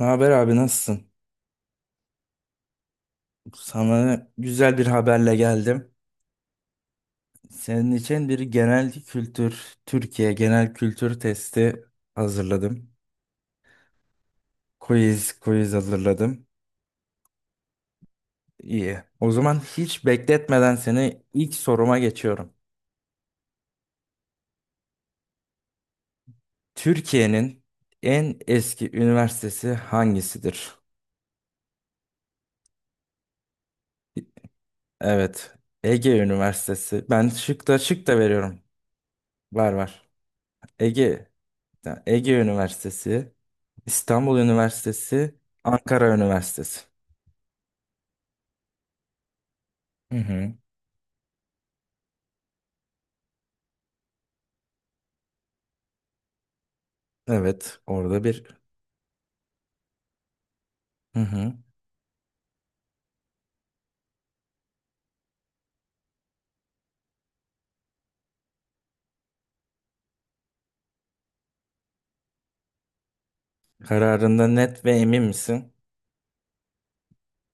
Ne haber abi nasılsın? Sana güzel bir haberle geldim. Senin için bir genel kültür, Türkiye genel kültür testi hazırladım. Quiz hazırladım. İyi. O zaman hiç bekletmeden seni ilk soruma geçiyorum. Türkiye'nin en eski üniversitesi hangisidir? Evet, Ege Üniversitesi. Ben şık da şık da veriyorum. Var var. Ege, Ege Üniversitesi. İstanbul Üniversitesi, Ankara Üniversitesi. Hı hı. Evet, orada bir hı hı. Kararında net ve emin misin?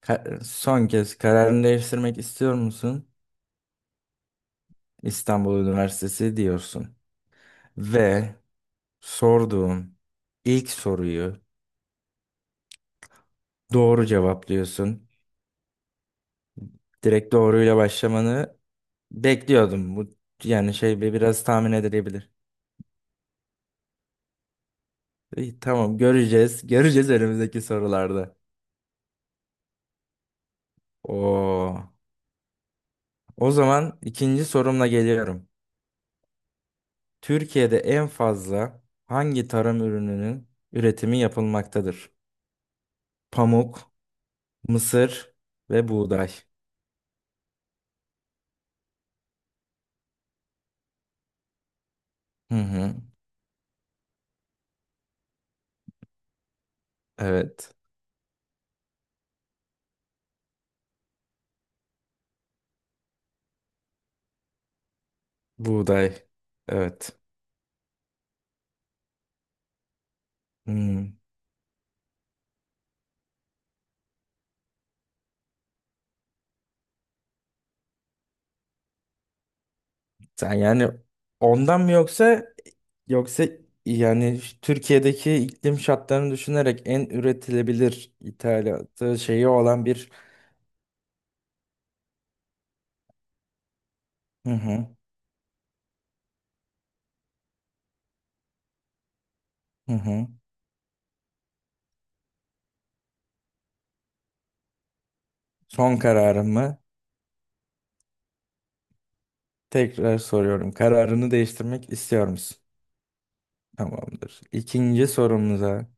Son kez kararını değiştirmek istiyor musun? İstanbul Üniversitesi diyorsun. Ve sorduğum ilk soruyu doğru cevaplıyorsun. Direkt doğruyla başlamanı bekliyordum. Bu yani şey biraz tahmin edilebilir. İyi, tamam göreceğiz. Göreceğiz önümüzdeki sorularda. Oo. O zaman ikinci sorumla geliyorum. Türkiye'de en fazla hangi tarım ürününün üretimi yapılmaktadır? Pamuk, mısır ve buğday. Hı hı. Evet. Buğday. Evet. Hmm. Sen yani ondan mı yoksa yani Türkiye'deki iklim şartlarını düşünerek en üretilebilir ithalatı şeyi olan bir hı hı, hı hı. Son kararın mı? Tekrar soruyorum. Kararını değiştirmek istiyor musun? Tamamdır. İkinci sorumuza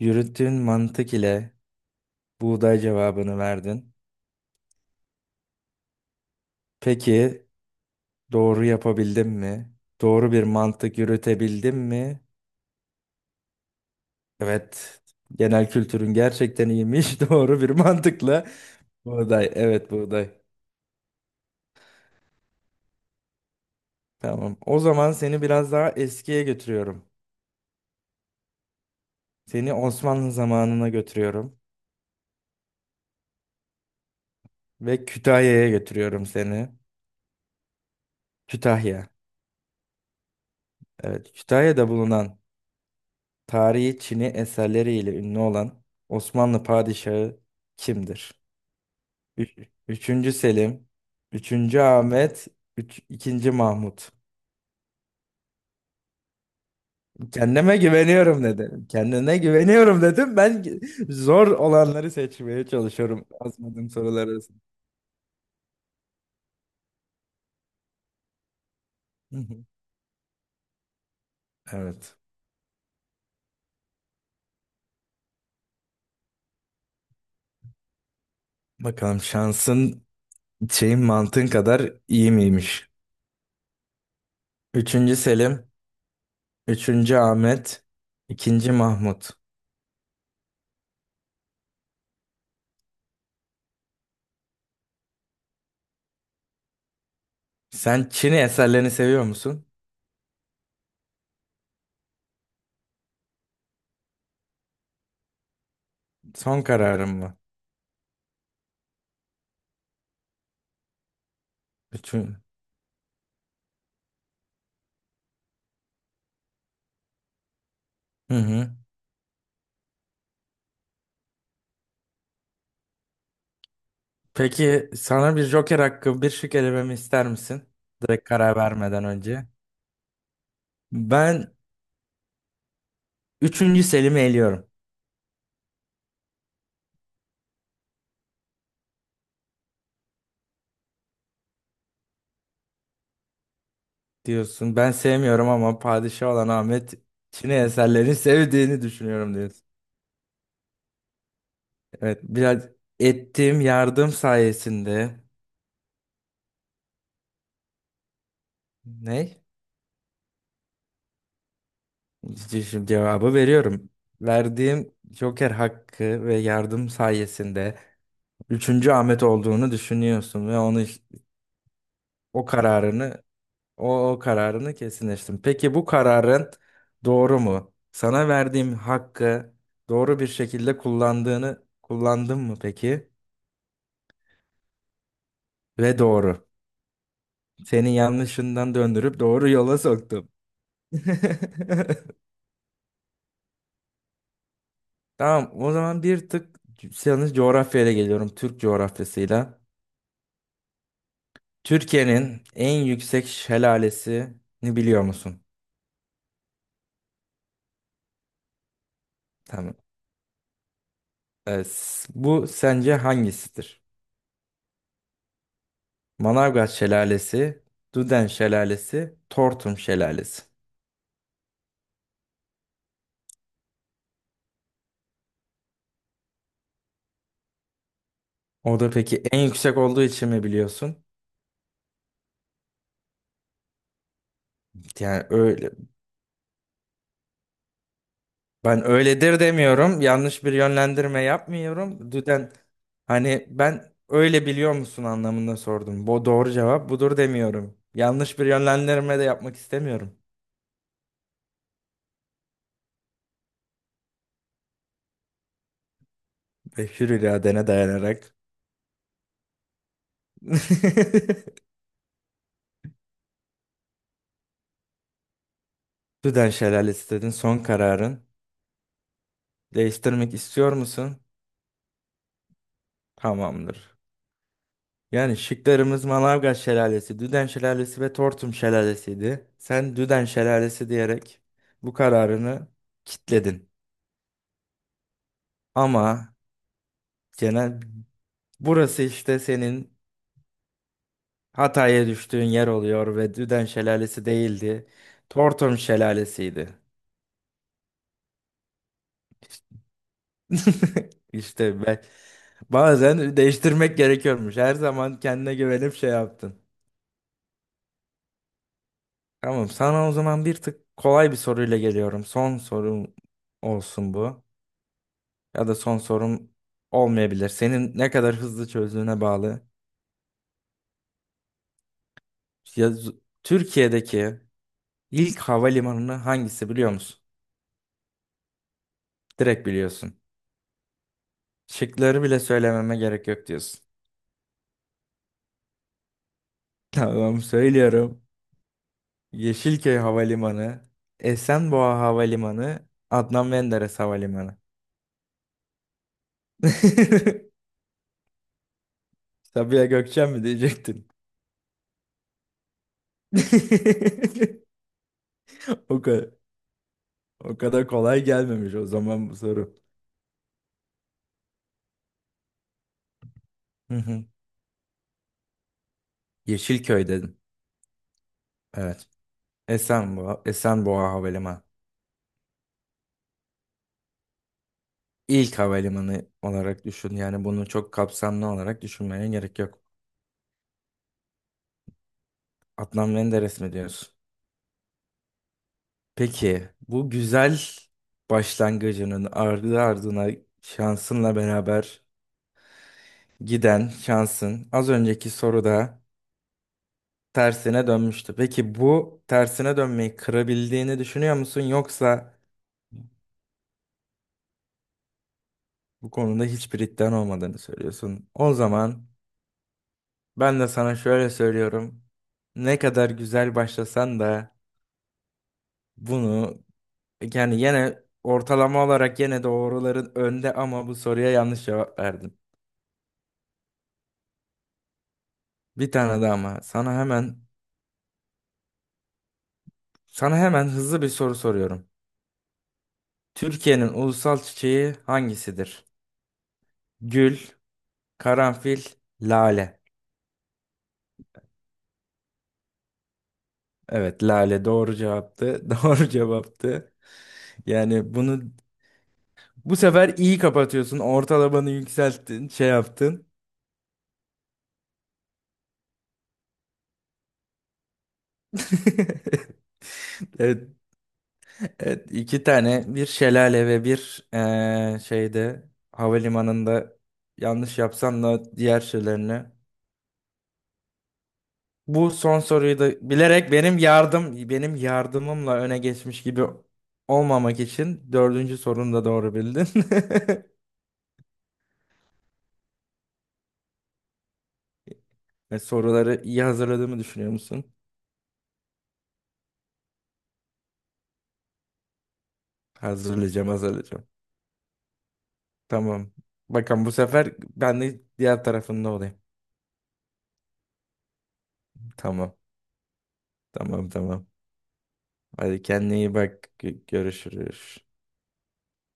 yürüttüğün mantık ile buğday cevabını verdin. Peki doğru yapabildin mi? Doğru bir mantık yürütebildin mi? Evet. Genel kültürün gerçekten iyiymiş. Doğru bir mantıkla buğday. Evet buğday. Tamam. O zaman seni biraz daha eskiye götürüyorum. Seni Osmanlı zamanına götürüyorum ve Kütahya'ya götürüyorum seni. Kütahya. Evet, Kütahya'da bulunan tarihi Çin'i eserleriyle ünlü olan Osmanlı padişahı kimdir? Üç, üçüncü Selim, üçüncü Ahmet, ikinci Mahmut. Kendime güveniyorum dedim. Kendine güveniyorum dedim. Ben zor olanları seçmeye çalışıyorum. Azmadığım sorular arasında. Hı hı. Evet. Bakalım şansın şeyin mantığın kadar iyi miymiş? Üçüncü Selim, üçüncü Ahmet, ikinci Mahmut. Sen Çin eserlerini seviyor musun? Son kararın mı? Bütün. Hı hı. Peki sana bir Joker hakkı bir şık elememi ister misin? Direkt karar vermeden önce. Ben üçüncü Selim'i eliyorum diyorsun. Ben sevmiyorum ama padişah olan Ahmet Çin eserlerini sevdiğini düşünüyorum diyorsun. Evet biraz ettiğim yardım sayesinde ne? Şimdi cevabı veriyorum. Verdiğim Joker hakkı ve yardım sayesinde Üçüncü Ahmet olduğunu düşünüyorsun ve onu o kararını o kararını kesinleştin. Peki bu kararın doğru mu? Sana verdiğim hakkı doğru bir şekilde kullandığını kullandın mı peki? Ve doğru. Seni yanlışından döndürüp doğru yola soktum. Tamam, o zaman bir tık yalnız coğrafyayla geliyorum. Türk coğrafyasıyla. Türkiye'nin en yüksek şelalesini biliyor musun? Tamam. Evet, bu sence hangisidir? Manavgat Şelalesi, Duden Şelalesi, Tortum Şelalesi. O da peki en yüksek olduğu için mi biliyorsun? Yani öyle ben öyledir demiyorum. Yanlış bir yönlendirme yapmıyorum. Düden, hani ben öyle biliyor musun anlamında sordum. Bu doğru cevap budur demiyorum. Yanlış bir yönlendirme de yapmak istemiyorum. Ve hür iradene dayanarak. Düden Şelalesi dedin son kararın. Değiştirmek istiyor musun? Tamamdır. Yani şıklarımız Manavgat Şelalesi, Düden Şelalesi ve Tortum Şelalesi'ydi. Sen Düden Şelalesi diyerek bu kararını kitledin. Ama genel burası işte senin hataya düştüğün yer oluyor ve Düden Şelalesi değildi. Tortum Şelalesi'ydi. İşte ben bazen değiştirmek gerekiyormuş. Her zaman kendine güvenip şey yaptın. Tamam, sana o zaman bir tık kolay bir soruyla geliyorum. Son sorum olsun bu. Ya da son sorum olmayabilir. Senin ne kadar hızlı çözdüğüne bağlı. Ya, Türkiye'deki ilk havalimanını hangisi biliyor musun? Direkt biliyorsun. Şıkları bile söylememe gerek yok diyorsun. Tamam, söylüyorum. Yeşilköy Havalimanı, Esenboğa Havalimanı, Adnan Menderes Havalimanı. Sabiha Gökçen mi diyecektin? O kadar. O kadar kolay gelmemiş o zaman bu soru. Hı hı. Yeşilköy dedim. Evet. Esenboğa, Esenboğa Havalimanı. İlk havalimanı olarak düşün. Yani bunu çok kapsamlı olarak düşünmeye gerek yok. Adnan Menderes mi diyorsun? Peki bu güzel başlangıcının ardı ardına şansınla beraber giden şansın az önceki soruda tersine dönmüştü. Peki bu tersine dönmeyi kırabildiğini düşünüyor musun yoksa bu konuda hiçbir iddian olmadığını söylüyorsun. O zaman ben de sana şöyle söylüyorum. Ne kadar güzel başlasan da bunu yani yine ortalama olarak yine doğruların önde ama bu soruya yanlış cevap verdin. Bir tane daha ama sana hemen hızlı bir soru soruyorum. Türkiye'nin ulusal çiçeği hangisidir? Gül, karanfil, lale. Evet, lale doğru cevaptı. Doğru cevaptı. Yani bunu bu sefer iyi kapatıyorsun. Ortalamanı yükselttin. Şey yaptın. Evet. Evet. iki tane bir şelale ve bir şeyde havalimanında yanlış yapsan da diğer şeylerini. Bu son soruyu da bilerek benim yardımımla öne geçmiş gibi olmamak için dördüncü sorunu da doğru bildin. E, soruları iyi hazırladığımı düşünüyor musun? Hazırlayacağım, hazırlayacağım. Tamam. Bakın bu sefer ben de diğer tarafında olayım. Tamam. Tamam tamam. Hadi kendine iyi bak. Görüşürüz.